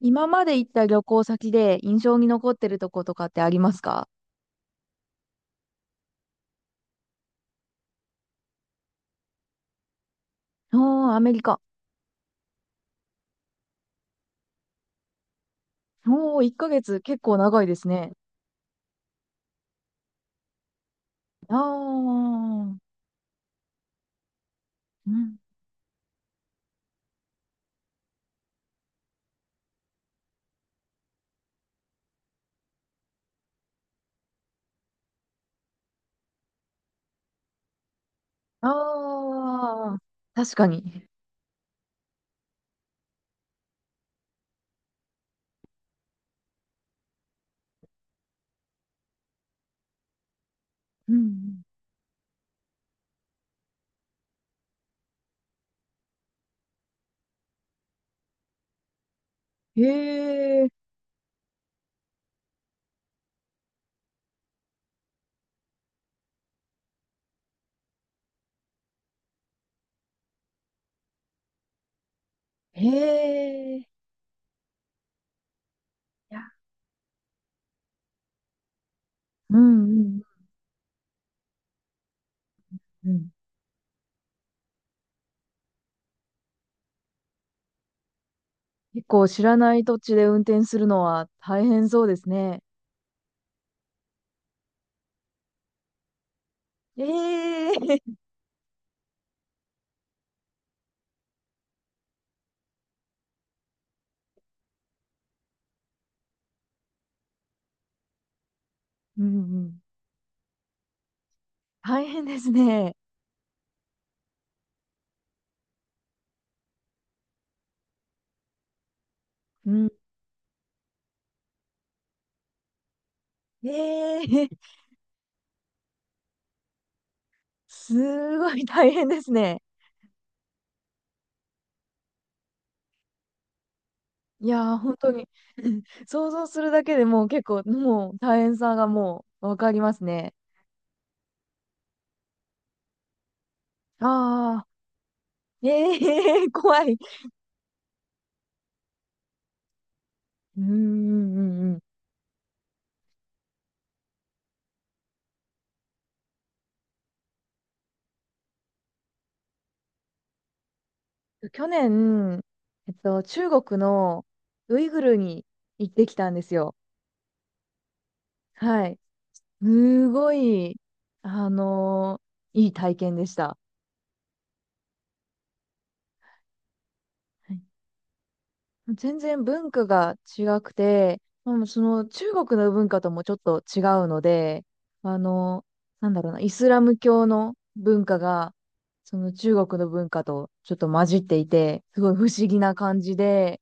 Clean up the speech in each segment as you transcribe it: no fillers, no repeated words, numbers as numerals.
今まで行った旅行先で印象に残ってるとことかってありますか？おー、アメリカ。おー、1ヶ月結構長いですね。あー、うん。あー、確かに。うん。へえ、へえ、いや、うん、うん、うん。結構知らない土地で運転するのは大変そうですね。ええ、うん、うん。大変ですね。うん。ええ、すごい大変ですね。いやー、本当に 想像するだけでもう結構、もう大変さがもうわかりますね。ああ、ええー、怖い。うんうんうんうん。去年、中国のウイグルに行ってきたんですよ。はい。すごい、あのいい体験でした。全然文化が違くて、もうその中国の文化ともちょっと違うので、あの、なんだろうな、イスラム教の文化が、その中国の文化とちょっと混じっていて、すごい不思議な感じで、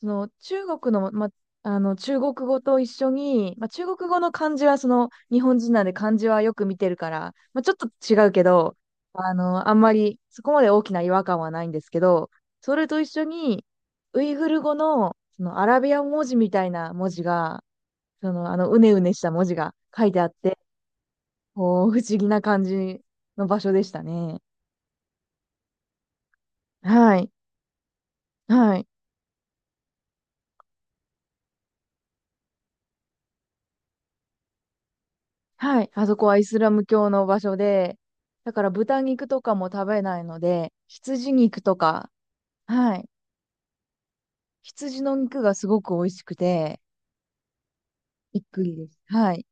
その中国の、あの中国語と一緒に、中国語の漢字はその日本人なんで漢字はよく見てるから、ちょっと違うけど、あんまりそこまで大きな違和感はないんですけど、それと一緒にウイグル語の、そのアラビア文字みたいな文字が、そのうねうねした文字が書いてあって、こう不思議な感じの場所でしたね。はい。はい。はい。あそこはイスラム教の場所で、だから豚肉とかも食べないので、羊肉とか、はい。羊の肉がすごく美味しくて、びっくりです。はい。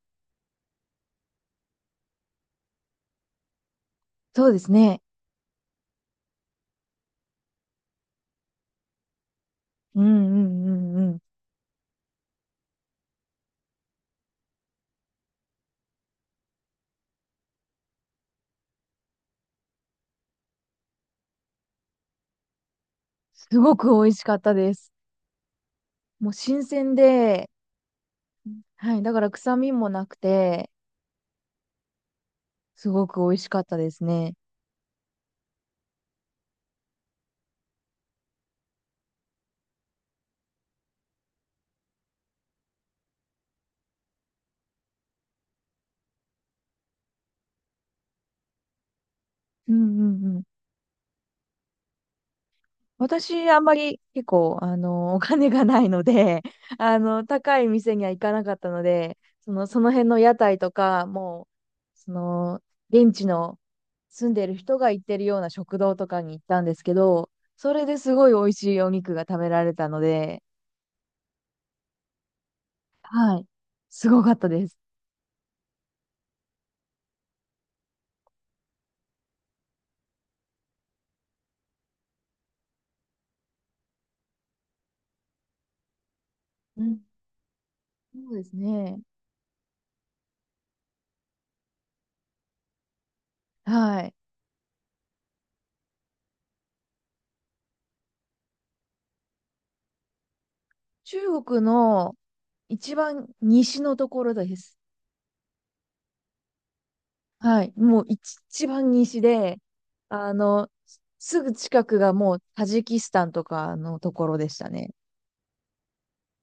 そうですね。うんうんうんうん。すごく美味しかったです。もう新鮮で、はい。だから臭みもなくて、すごく美味しかったですね。うんうんうん。私、あんまり結構、お金がないので、高い店には行かなかったので、その辺の屋台とか、もう、その、現地の住んでる人が行ってるような食堂とかに行ったんですけど、それですごい美味しいお肉が食べられたので、はい、すごかったです。うん、そうですね。はい。中国の一番西のところです。はい。もう一番西で、あの、すぐ近くがもうタジキスタンとかのところでしたね。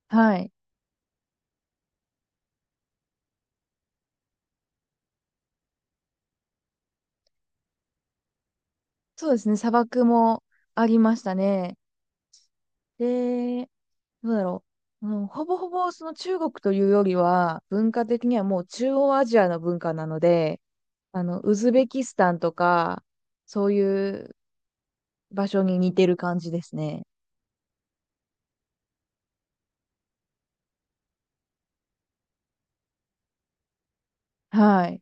はい。そうですね。砂漠もありましたね。で、どうだろう。うん、ほぼほぼその中国というよりは、文化的にはもう中央アジアの文化なので、ウズベキスタンとか、そういう場所に似てる感じですね。はい。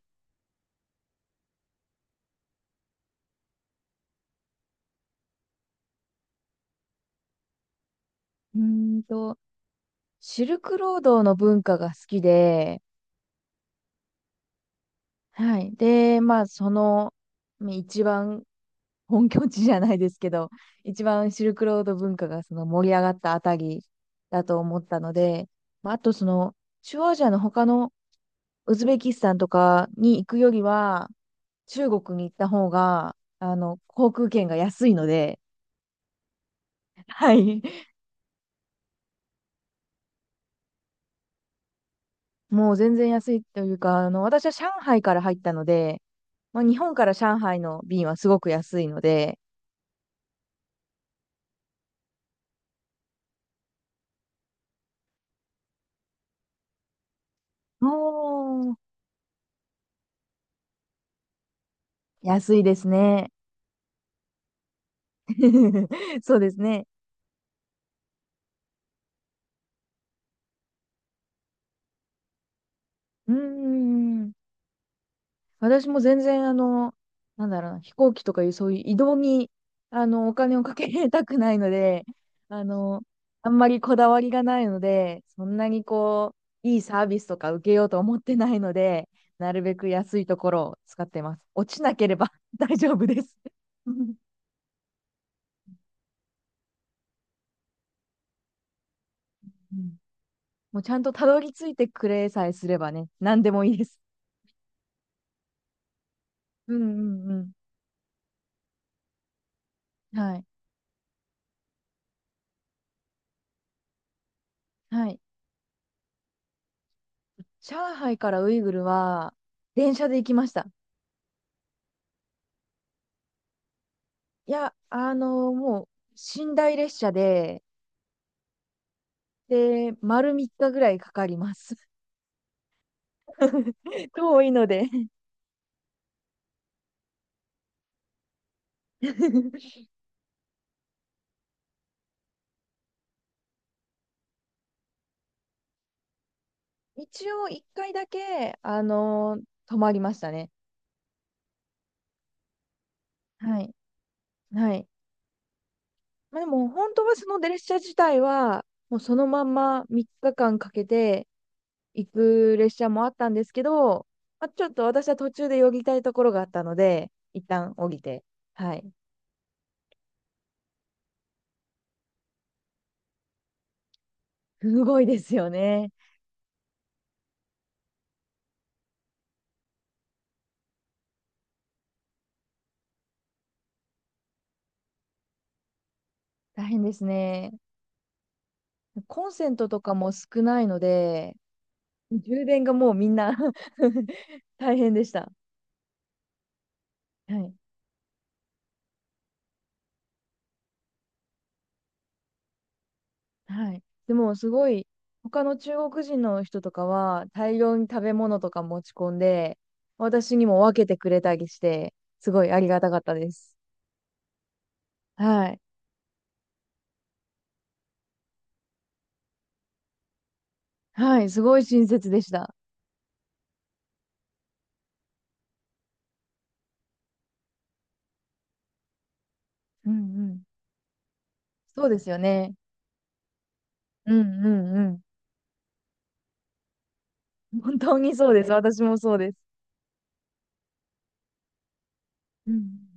うーんと、シルクロードの文化が好きで、はい。で、まあ、ね一番本拠地じゃないですけど、一番シルクロード文化がその盛り上がったあたりだと思ったので、まあ、あと中央アジアの他のウズベキスタンとかに行くよりは、中国に行った方が、航空券が安いので、はい。もう全然安いというか、私は上海から入ったので、まあ、日本から上海の便はすごく安いので、もう、安いですね。そうですね。うーん。私も全然、なんだろうな、飛行機とかいう、そういう移動に、お金をかけたくないので、あの、あんまりこだわりがないので、そんなにこう、いいサービスとか受けようと思ってないので、なるべく安いところを使ってます。落ちなければ 大丈夫です。うん、もうちゃんとたどり着いてくれさえすればね、何でもいいです。うんうんうん。はい。はい。上海からウイグルは電車で行きました。いや、もう寝台列車で、丸3日ぐらいかかります。遠いので 一応1回だけ、泊まりましたね。はい。はい。まあ、でも、本当はその列車自体は、もうそのまんま3日間かんかけて行く列車もあったんですけど、まあ、ちょっと私は途中でよぎたいところがあったので、一旦降りて、はい。すごいですよね。大変ですね。コンセントとかも少ないので、充電がもうみんな 大変でした。はい。はい。でもすごい、他の中国人の人とかは大量に食べ物とか持ち込んで、私にも分けてくれたりして、すごいありがたかったです。はい。はい。すごい親切でした。うんうん。そうですよね。うんうんうん。本当にそうです。私もそうです。うん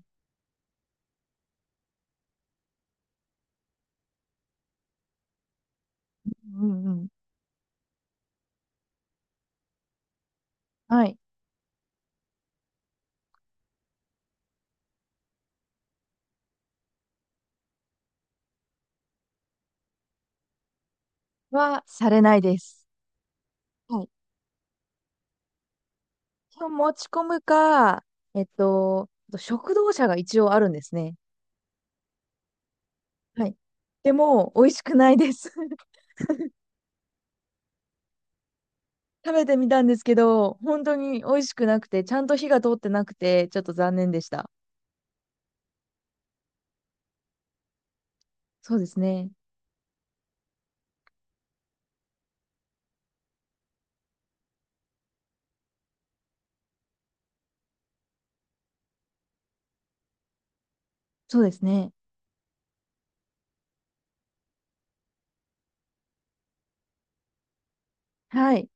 うんうん。はい。はされないです。はい。持ち込むか、えっと、食堂車が一応あるんですね。はい。でも、美味しくないです。食べてみたんですけど、本当に美味しくなくて、ちゃんと火が通ってなくて、ちょっと残念でした。そうですね。そうですね。はい。